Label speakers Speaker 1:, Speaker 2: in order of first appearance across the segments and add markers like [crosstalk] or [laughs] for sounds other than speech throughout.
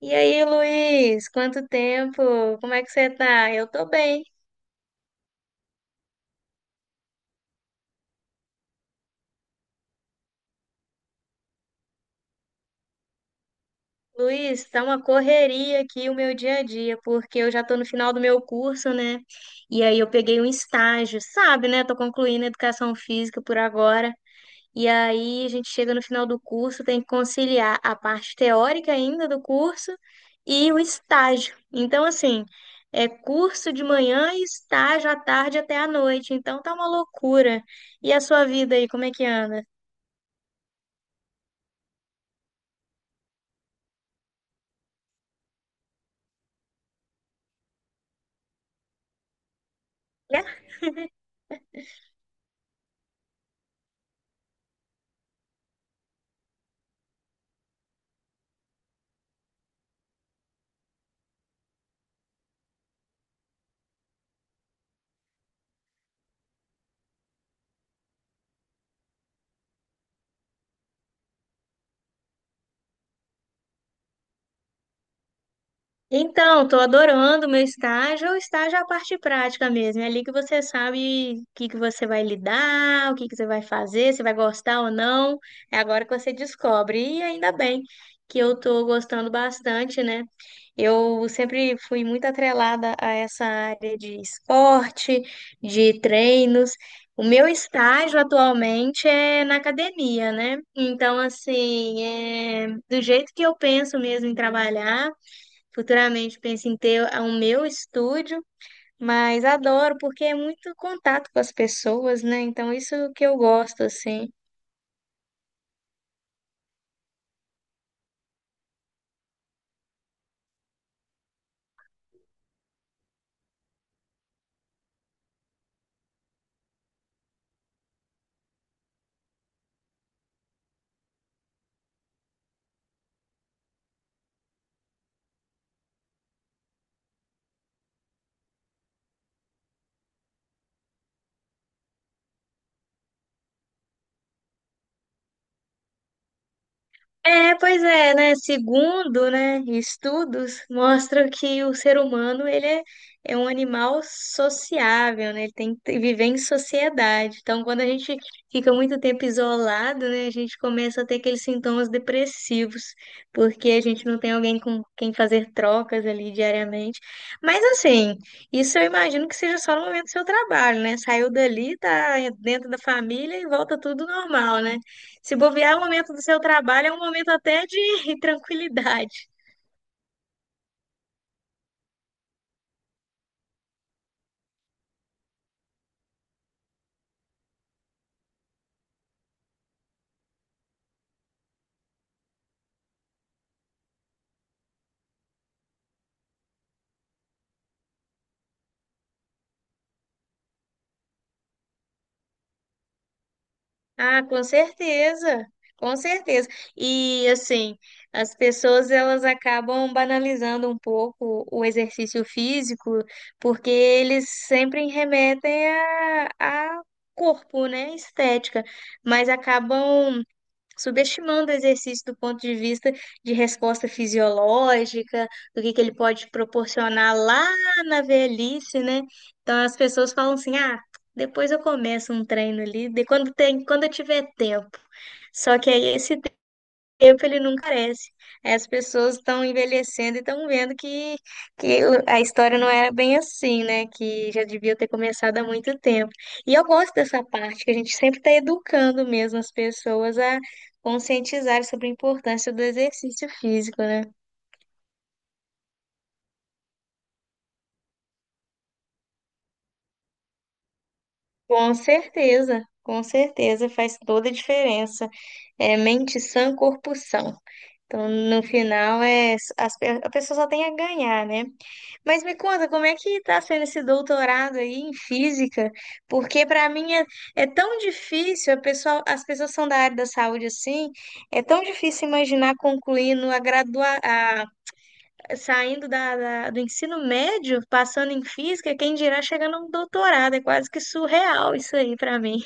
Speaker 1: E aí, Luiz, quanto tempo? Como é que você tá? Eu tô bem. Luiz, tá uma correria aqui o meu dia a dia, porque eu já tô no final do meu curso, né? E aí eu peguei um estágio, sabe, né? Tô concluindo educação física por agora. E aí a gente chega no final do curso, tem que conciliar a parte teórica ainda do curso e o estágio. Então, assim, é curso de manhã e estágio à tarde até à noite. Então tá uma loucura. E a sua vida aí, como é que anda? É. Então, estou adorando o meu estágio. O estágio é a parte prática mesmo. É ali que você sabe o que que você vai lidar, o que que você vai fazer, se vai gostar ou não. É agora que você descobre. E ainda bem que eu estou gostando bastante, né? Eu sempre fui muito atrelada a essa área de esporte, de treinos. O meu estágio atualmente é na academia, né? Então, assim, é do jeito que eu penso mesmo em trabalhar. Futuramente penso em ter o meu estúdio, mas adoro porque é muito contato com as pessoas, né? Então, isso que eu gosto, assim. É, pois é, né? Segundo, né, estudos mostram que o ser humano é um animal sociável, né? Ele tem viver em sociedade. Então, quando a gente fica muito tempo isolado, né, a gente começa a ter aqueles sintomas depressivos, porque a gente não tem alguém com quem fazer trocas ali diariamente. Mas assim, isso eu imagino que seja só no momento do seu trabalho, né? Saiu dali, tá dentro da família e volta tudo normal, né? Se bobear é o momento do seu trabalho, é um momento até de [laughs] tranquilidade. Ah, com certeza, com certeza. E assim, as pessoas elas acabam banalizando um pouco o exercício físico, porque eles sempre remetem a corpo, né? Estética, mas acabam subestimando o exercício do ponto de vista de resposta fisiológica, do que ele pode proporcionar lá na velhice, né? Então as pessoas falam assim: "Ah, depois eu começo um treino ali, quando eu tiver tempo". Só que aí esse tempo ele não carece. Aí as pessoas estão envelhecendo e estão vendo que a história não era bem assim, né? Que já devia ter começado há muito tempo. E eu gosto dessa parte, que a gente sempre está educando mesmo as pessoas a conscientizar sobre a importância do exercício físico, né? Com certeza faz toda a diferença. É mente sã, corpo são. Então, no final, a pessoa só tem a ganhar, né? Mas me conta, como é que está sendo esse doutorado aí em física? Porque para mim é tão difícil, as pessoas são da área da saúde assim, é tão difícil imaginar concluindo a gradua, a- saindo do ensino médio, passando em física, quem dirá chegando a um doutorado, é quase que surreal isso aí para mim.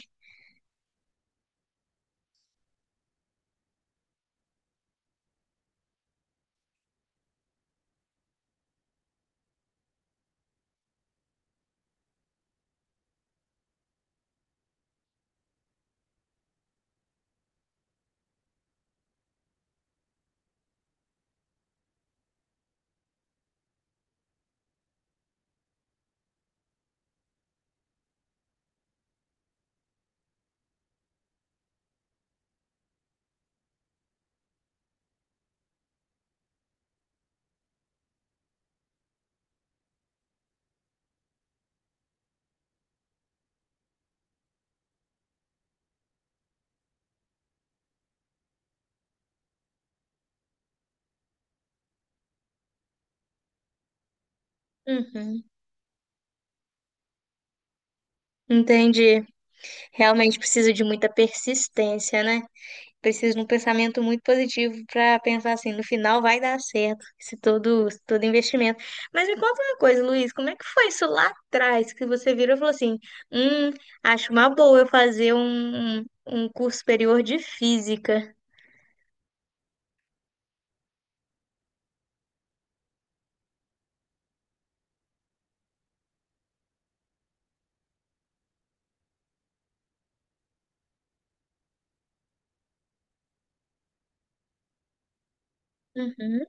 Speaker 1: Uhum, entendi. Realmente precisa de muita persistência, né? Preciso de um pensamento muito positivo para pensar assim, no final vai dar certo esse todo investimento. Mas me conta uma coisa, Luiz, como é que foi isso lá atrás que você virou e falou assim, hum, acho uma boa eu fazer um curso superior de física. Uhum,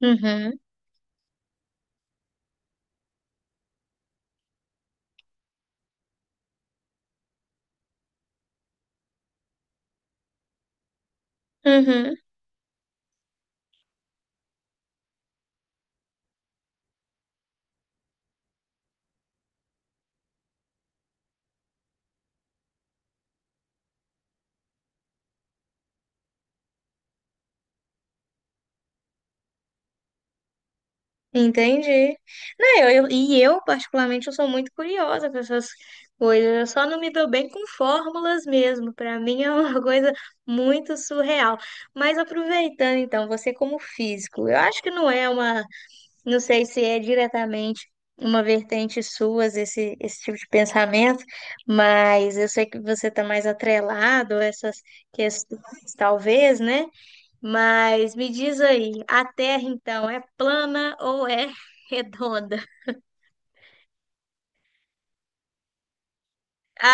Speaker 1: uhum, uhum. Entendi. Não, eu, particularmente, eu sou muito curiosa com essas coisas. Eu só não me dou bem com fórmulas mesmo. Para mim é uma [laughs] coisa muito surreal. Mas aproveitando, então, você como físico, eu acho que não é uma, não sei se é diretamente uma vertente sua esse tipo de pensamento, mas eu sei que você está mais atrelado a essas questões, talvez, né? Mas me diz aí, a Terra então é plana ou é redonda? [laughs]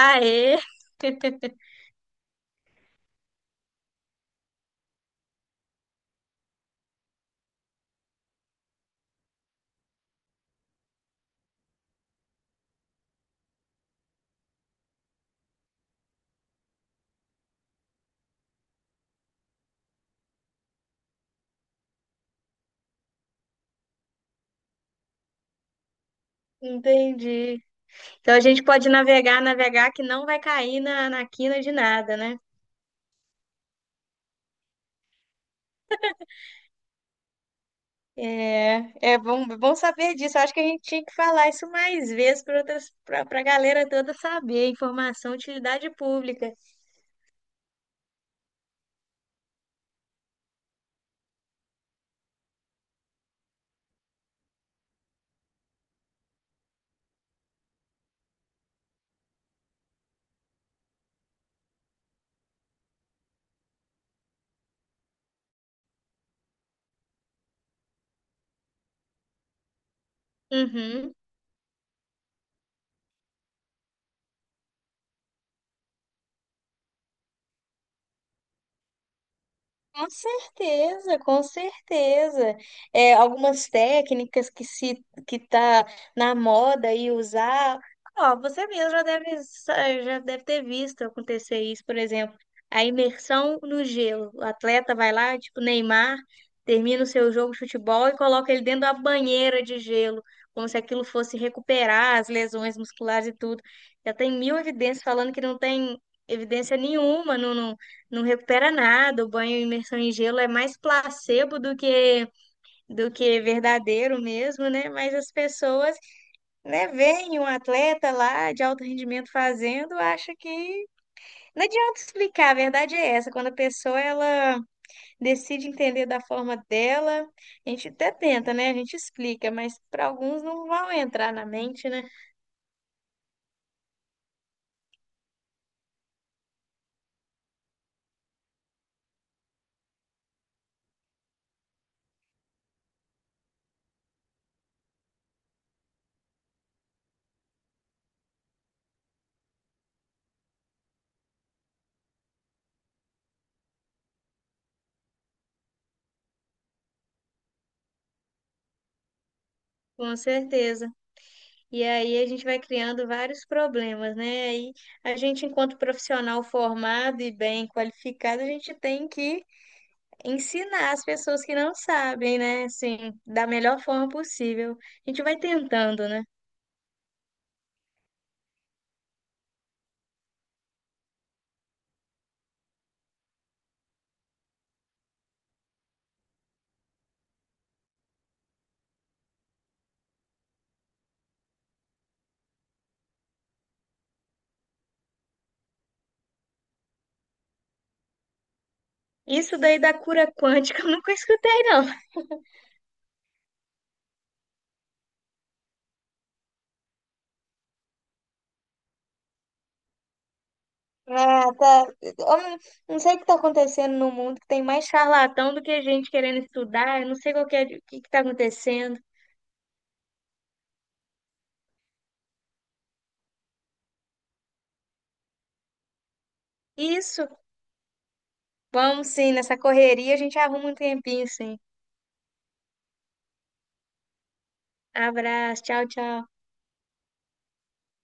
Speaker 1: Aê! Entendi. Então a gente pode navegar, navegar que não vai cair na quina de nada, né? É, é bom, bom saber disso. Eu acho que a gente tinha que falar isso mais vezes para a galera toda saber. Informação, utilidade pública. Uhum. Com certeza, com certeza. É, algumas técnicas que se que tá na moda e usar. Ó, você mesmo já deve ter visto acontecer isso, por exemplo, a imersão no gelo. O atleta vai lá, tipo Neymar, termina o seu jogo de futebol e coloca ele dentro da banheira de gelo, como se aquilo fosse recuperar as lesões musculares e tudo. Já tem mil evidências falando que não tem evidência nenhuma, não recupera nada, o banho imersão em gelo é mais placebo do que verdadeiro mesmo, né? Mas as pessoas, né, veem um atleta lá de alto rendimento fazendo, acha que não adianta explicar, a verdade é essa, quando a pessoa ela decide entender da forma dela, a gente até tenta, né? A gente explica, mas para alguns não vão entrar na mente, né? Com certeza. E aí a gente vai criando vários problemas, né? Aí a gente, enquanto profissional formado e bem qualificado, a gente tem que ensinar as pessoas que não sabem, né? Assim, da melhor forma possível. A gente vai tentando, né? Isso daí da cura quântica [laughs] eu nunca escutei, não. Ah, tá. Eu não não sei o que está acontecendo no mundo, que tem mais charlatão do que gente querendo estudar. Eu não sei qual que é, o que está acontecendo. Isso, vamos sim, nessa correria a gente arruma um tempinho, sim. Abraço, tchau, tchau.